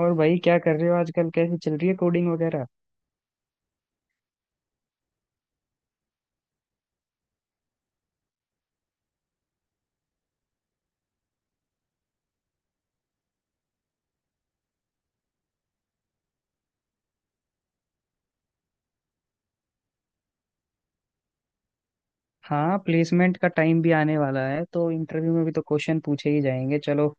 और भाई क्या कर रहे हो आजकल? कैसी चल रही है कोडिंग वगैरह। हाँ, प्लेसमेंट का टाइम भी आने वाला है, तो इंटरव्यू में भी तो क्वेश्चन पूछे ही जाएंगे। चलो,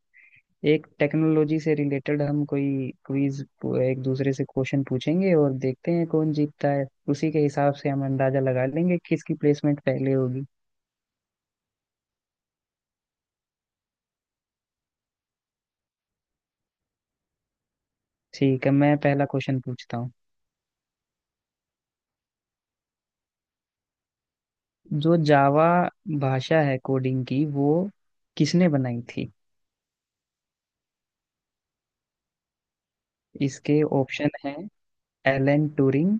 एक टेक्नोलॉजी से रिलेटेड हम कोई क्विज, एक दूसरे से क्वेश्चन पूछेंगे और देखते हैं कौन जीतता है। उसी के हिसाब से हम अंदाजा लगा लेंगे किसकी प्लेसमेंट पहले होगी। ठीक है, मैं पहला क्वेश्चन पूछता हूँ। जो जावा भाषा है कोडिंग की, वो किसने बनाई थी? इसके ऑप्शन है: Alan Turing,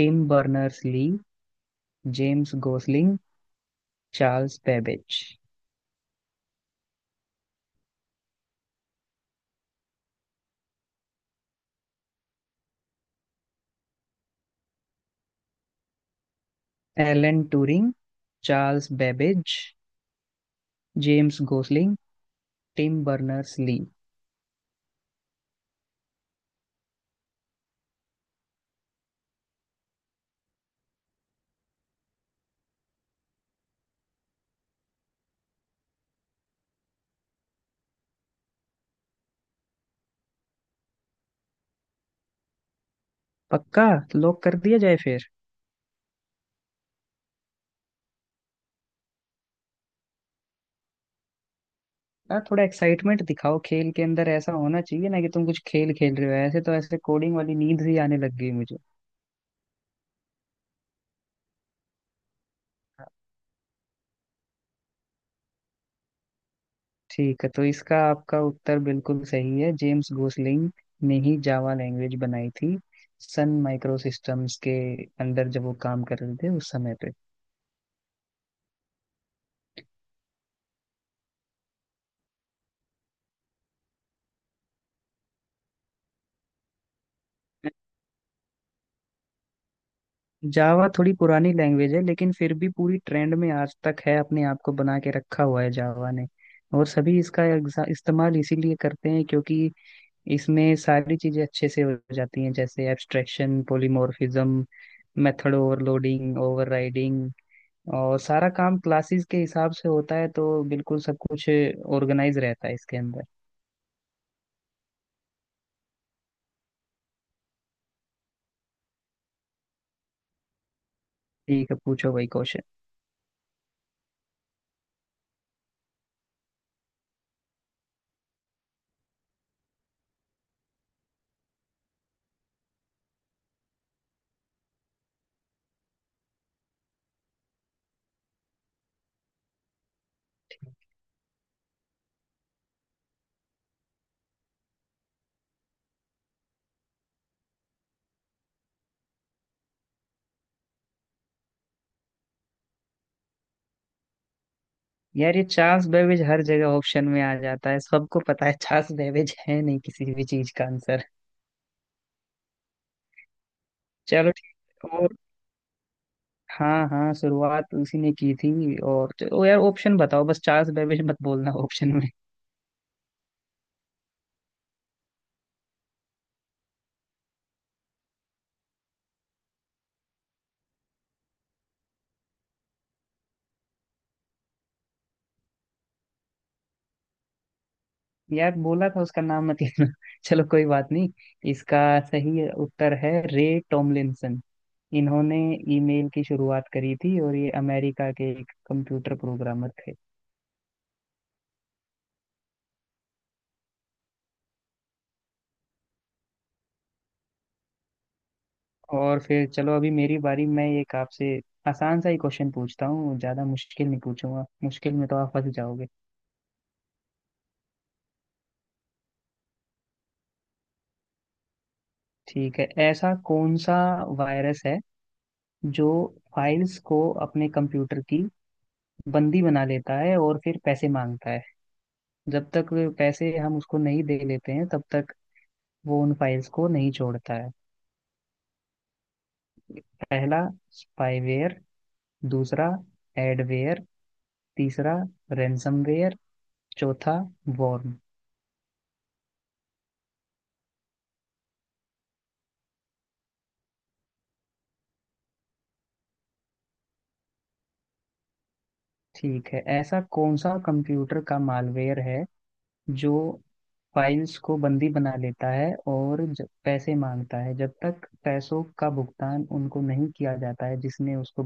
Tim Berners Lee, James Gosling, Charles Babbage. Alan Turing, Charles Babbage, James Gosling, Tim Berners Lee. पक्का? लॉक कर दिया जाए फिर। यार, थोड़ा एक्साइटमेंट दिखाओ। खेल के अंदर ऐसा होना चाहिए ना कि तुम कुछ खेल खेल रहे हो। ऐसे तो ऐसे कोडिंग वाली नींद ही आने लग गई मुझे। ठीक है, तो इसका आपका उत्तर बिल्कुल सही है। जेम्स गोसलिंग ने ही जावा लैंग्वेज बनाई थी, सन माइक्रो सिस्टम्स के अंदर जब वो काम कर रहे थे उस समय पे। जावा थोड़ी पुरानी लैंग्वेज है, लेकिन फिर भी पूरी ट्रेंड में आज तक है। अपने आप को बना के रखा हुआ है जावा ने। और सभी इसका इस्तेमाल इसीलिए करते हैं क्योंकि इसमें सारी चीजें अच्छे से हो जाती हैं, जैसे abstraction, polymorphism, method overloading, overriding. और सारा काम क्लासेस के हिसाब से होता है, तो बिल्कुल सब कुछ ऑर्गेनाइज रहता है इसके अंदर। ठीक है, पूछो भाई क्वेश्चन। यार, ये चार्ल्स बेबेज हर जगह ऑप्शन में आ जाता है। सबको पता है चार्ल्स बेबेज है नहीं किसी भी चीज का आंसर। चलो ठीक है। और हाँ हाँ, शुरुआत उसी ने की थी। और चलो यार, ऑप्शन बताओ, बस चार्ल्स बेबेज मत बोलना ऑप्शन में। यार बोला था उसका नाम मत लेना चलो कोई बात नहीं। इसका सही उत्तर है रे टॉमलिंसन। इन्होंने ईमेल की शुरुआत करी थी, और ये अमेरिका के एक कंप्यूटर प्रोग्रामर थे। और फिर चलो, अभी मेरी बारी। मैं एक आपसे आसान सा ही क्वेश्चन पूछता हूँ। ज्यादा मुश्किल नहीं पूछूंगा, मुश्किल में तो आप फंस जाओगे। ठीक है, ऐसा कौन सा वायरस है जो फाइल्स को, अपने कंप्यूटर की, बंदी बना लेता है और फिर पैसे मांगता है? जब तक वे पैसे हम उसको नहीं दे लेते हैं, तब तक वो उन फाइल्स को नहीं छोड़ता है। पहला, स्पाईवेयर। दूसरा, एडवेयर। तीसरा, रैंसमवेयर। चौथा, वॉर्म। ठीक है, ऐसा कौन सा कंप्यूटर का मालवेयर है जो फाइल्स को बंदी बना लेता है और जब पैसे मांगता है, जब तक पैसों का भुगतान उनको नहीं किया जाता है जिसने उसको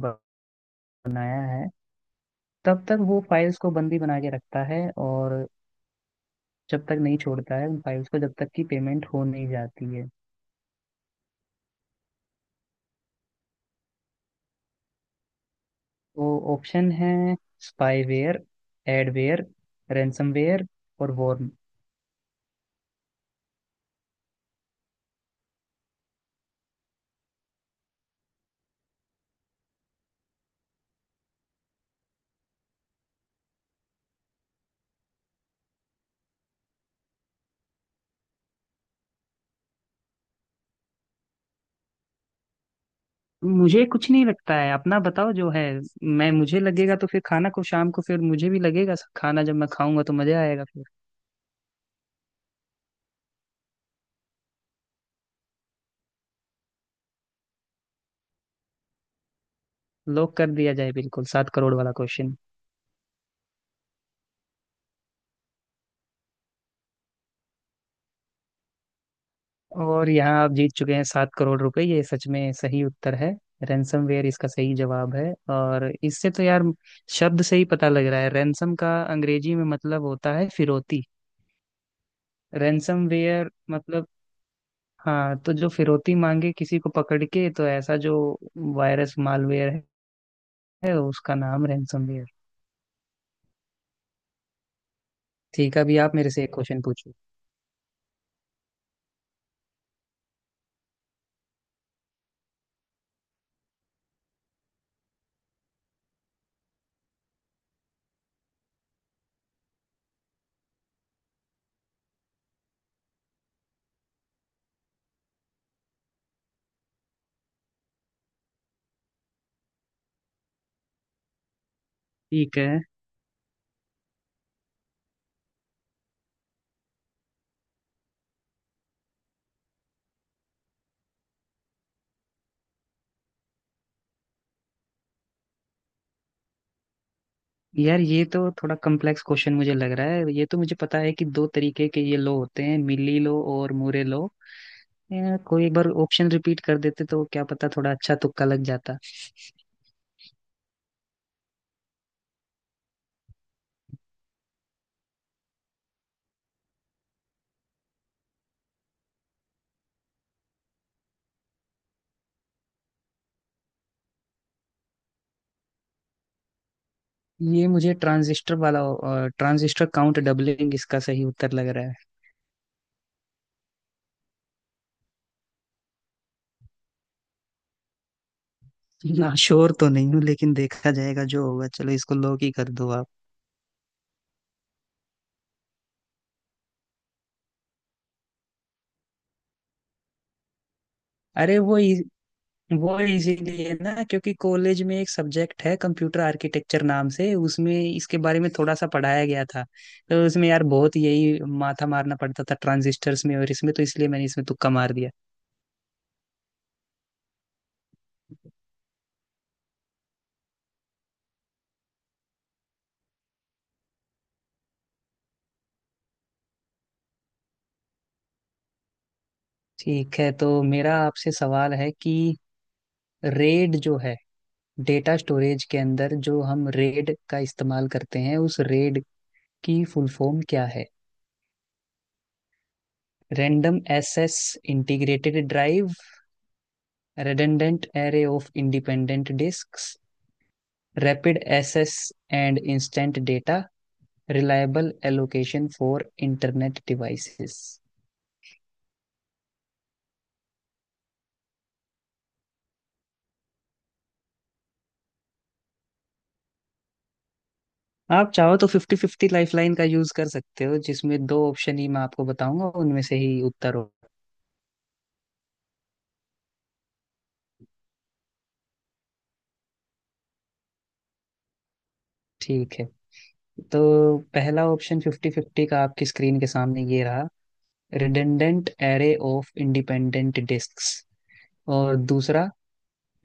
बनाया है, तब तक वो फाइल्स को बंदी बना के रखता है और जब तक नहीं छोड़ता है उन फाइल्स को, जब तक कि पेमेंट हो नहीं जाती है। तो ऑप्शन है: स्पाईवेयर, एडवेयर, रैंसमवेयर और वॉर्म। मुझे कुछ नहीं लगता है, अपना बताओ जो है। मैं मुझे लगेगा तो फिर खाना को शाम को, फिर मुझे भी लगेगा खाना जब मैं खाऊंगा तो मजा आएगा फिर। लॉक कर दिया जाए, बिल्कुल 7 करोड़ वाला क्वेश्चन। और यहाँ आप जीत चुके हैं 7 करोड़ रुपए। ये सच में सही उत्तर है। रैंसमवेयर इसका सही जवाब है। और इससे तो यार, शब्द से ही पता लग रहा है। रैंसम का अंग्रेजी में मतलब होता है फिरौती। रैंसमवेयर मतलब, हाँ, तो जो फिरौती मांगे किसी को पकड़ के, तो ऐसा जो वायरस मालवेयर है उसका नाम रैंसमवेयर। ठीक है, अभी आप मेरे से एक क्वेश्चन पूछो। ठीक है। यार, ये तो थोड़ा कॉम्प्लेक्स क्वेश्चन मुझे लग रहा है। ये तो मुझे पता है कि दो तरीके के ये लो होते हैं, मिली लो और मुरे लो। यार, कोई एक बार ऑप्शन रिपीट कर देते तो क्या पता थोड़ा अच्छा तुक्का लग जाता। ये मुझे ट्रांजिस्टर वाला, ट्रांजिस्टर काउंट डबलिंग, इसका सही उत्तर लग रहा है ना। श्योर तो नहीं हूँ, लेकिन देखा जाएगा जो होगा। चलो, इसको लो ही कर दो आप। अरे वो वो इजीली है ना, क्योंकि कॉलेज में एक सब्जेक्ट है कंप्यूटर आर्किटेक्चर नाम से, उसमें इसके बारे में थोड़ा सा पढ़ाया गया था। तो उसमें यार बहुत यही माथा मारना पड़ता था ट्रांजिस्टर्स में और इसमें, तो इसलिए मैंने इसमें तुक्का मार दिया। ठीक है, तो मेरा आपसे सवाल है कि रेड जो है, डेटा स्टोरेज के अंदर जो हम रेड का इस्तेमाल करते हैं, उस रेड की फुल फॉर्म क्या है? Random access integrated drive, redundant array of independent disk, rapid access and instant data, reliable allocation for internet devices. आप चाहो तो फिफ्टी फिफ्टी लाइफलाइन का यूज कर सकते हो, जिसमें दो ऑप्शन ही मैं आपको बताऊंगा, उनमें से ही उत्तर हो। ठीक है, तो पहला ऑप्शन फिफ्टी फिफ्टी का आपकी स्क्रीन के सामने ये रहा: redundant array of independent disks, और दूसरा,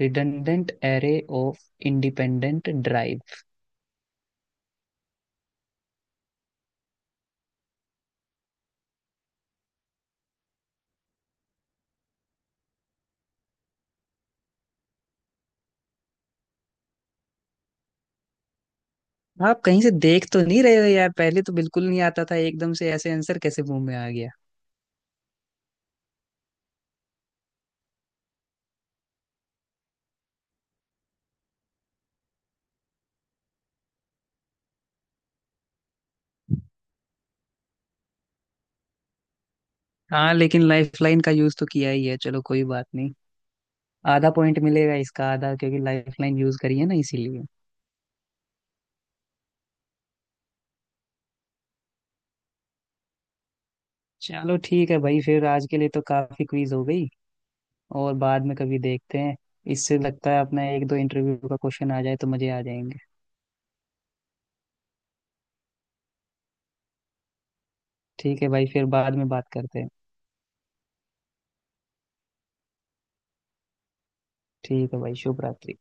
redundant array of independent drive. आप कहीं से देख तो नहीं रहे हो यार? पहले तो बिल्कुल नहीं आता था, एकदम से ऐसे आंसर कैसे मुंह में आ गया। हाँ, लेकिन लाइफलाइन का यूज तो किया ही है। चलो कोई बात नहीं, आधा पॉइंट मिलेगा, इसका आधा, क्योंकि लाइफलाइन यूज करी है ना इसीलिए। चलो ठीक है भाई, फिर आज के लिए तो काफी क्विज हो गई, और बाद में कभी देखते हैं। इससे लगता है अपना एक दो इंटरव्यू का क्वेश्चन आ जाए तो मजे आ जाएंगे। ठीक है भाई, फिर बाद में बात करते हैं। ठीक है भाई, शुभ रात्रि।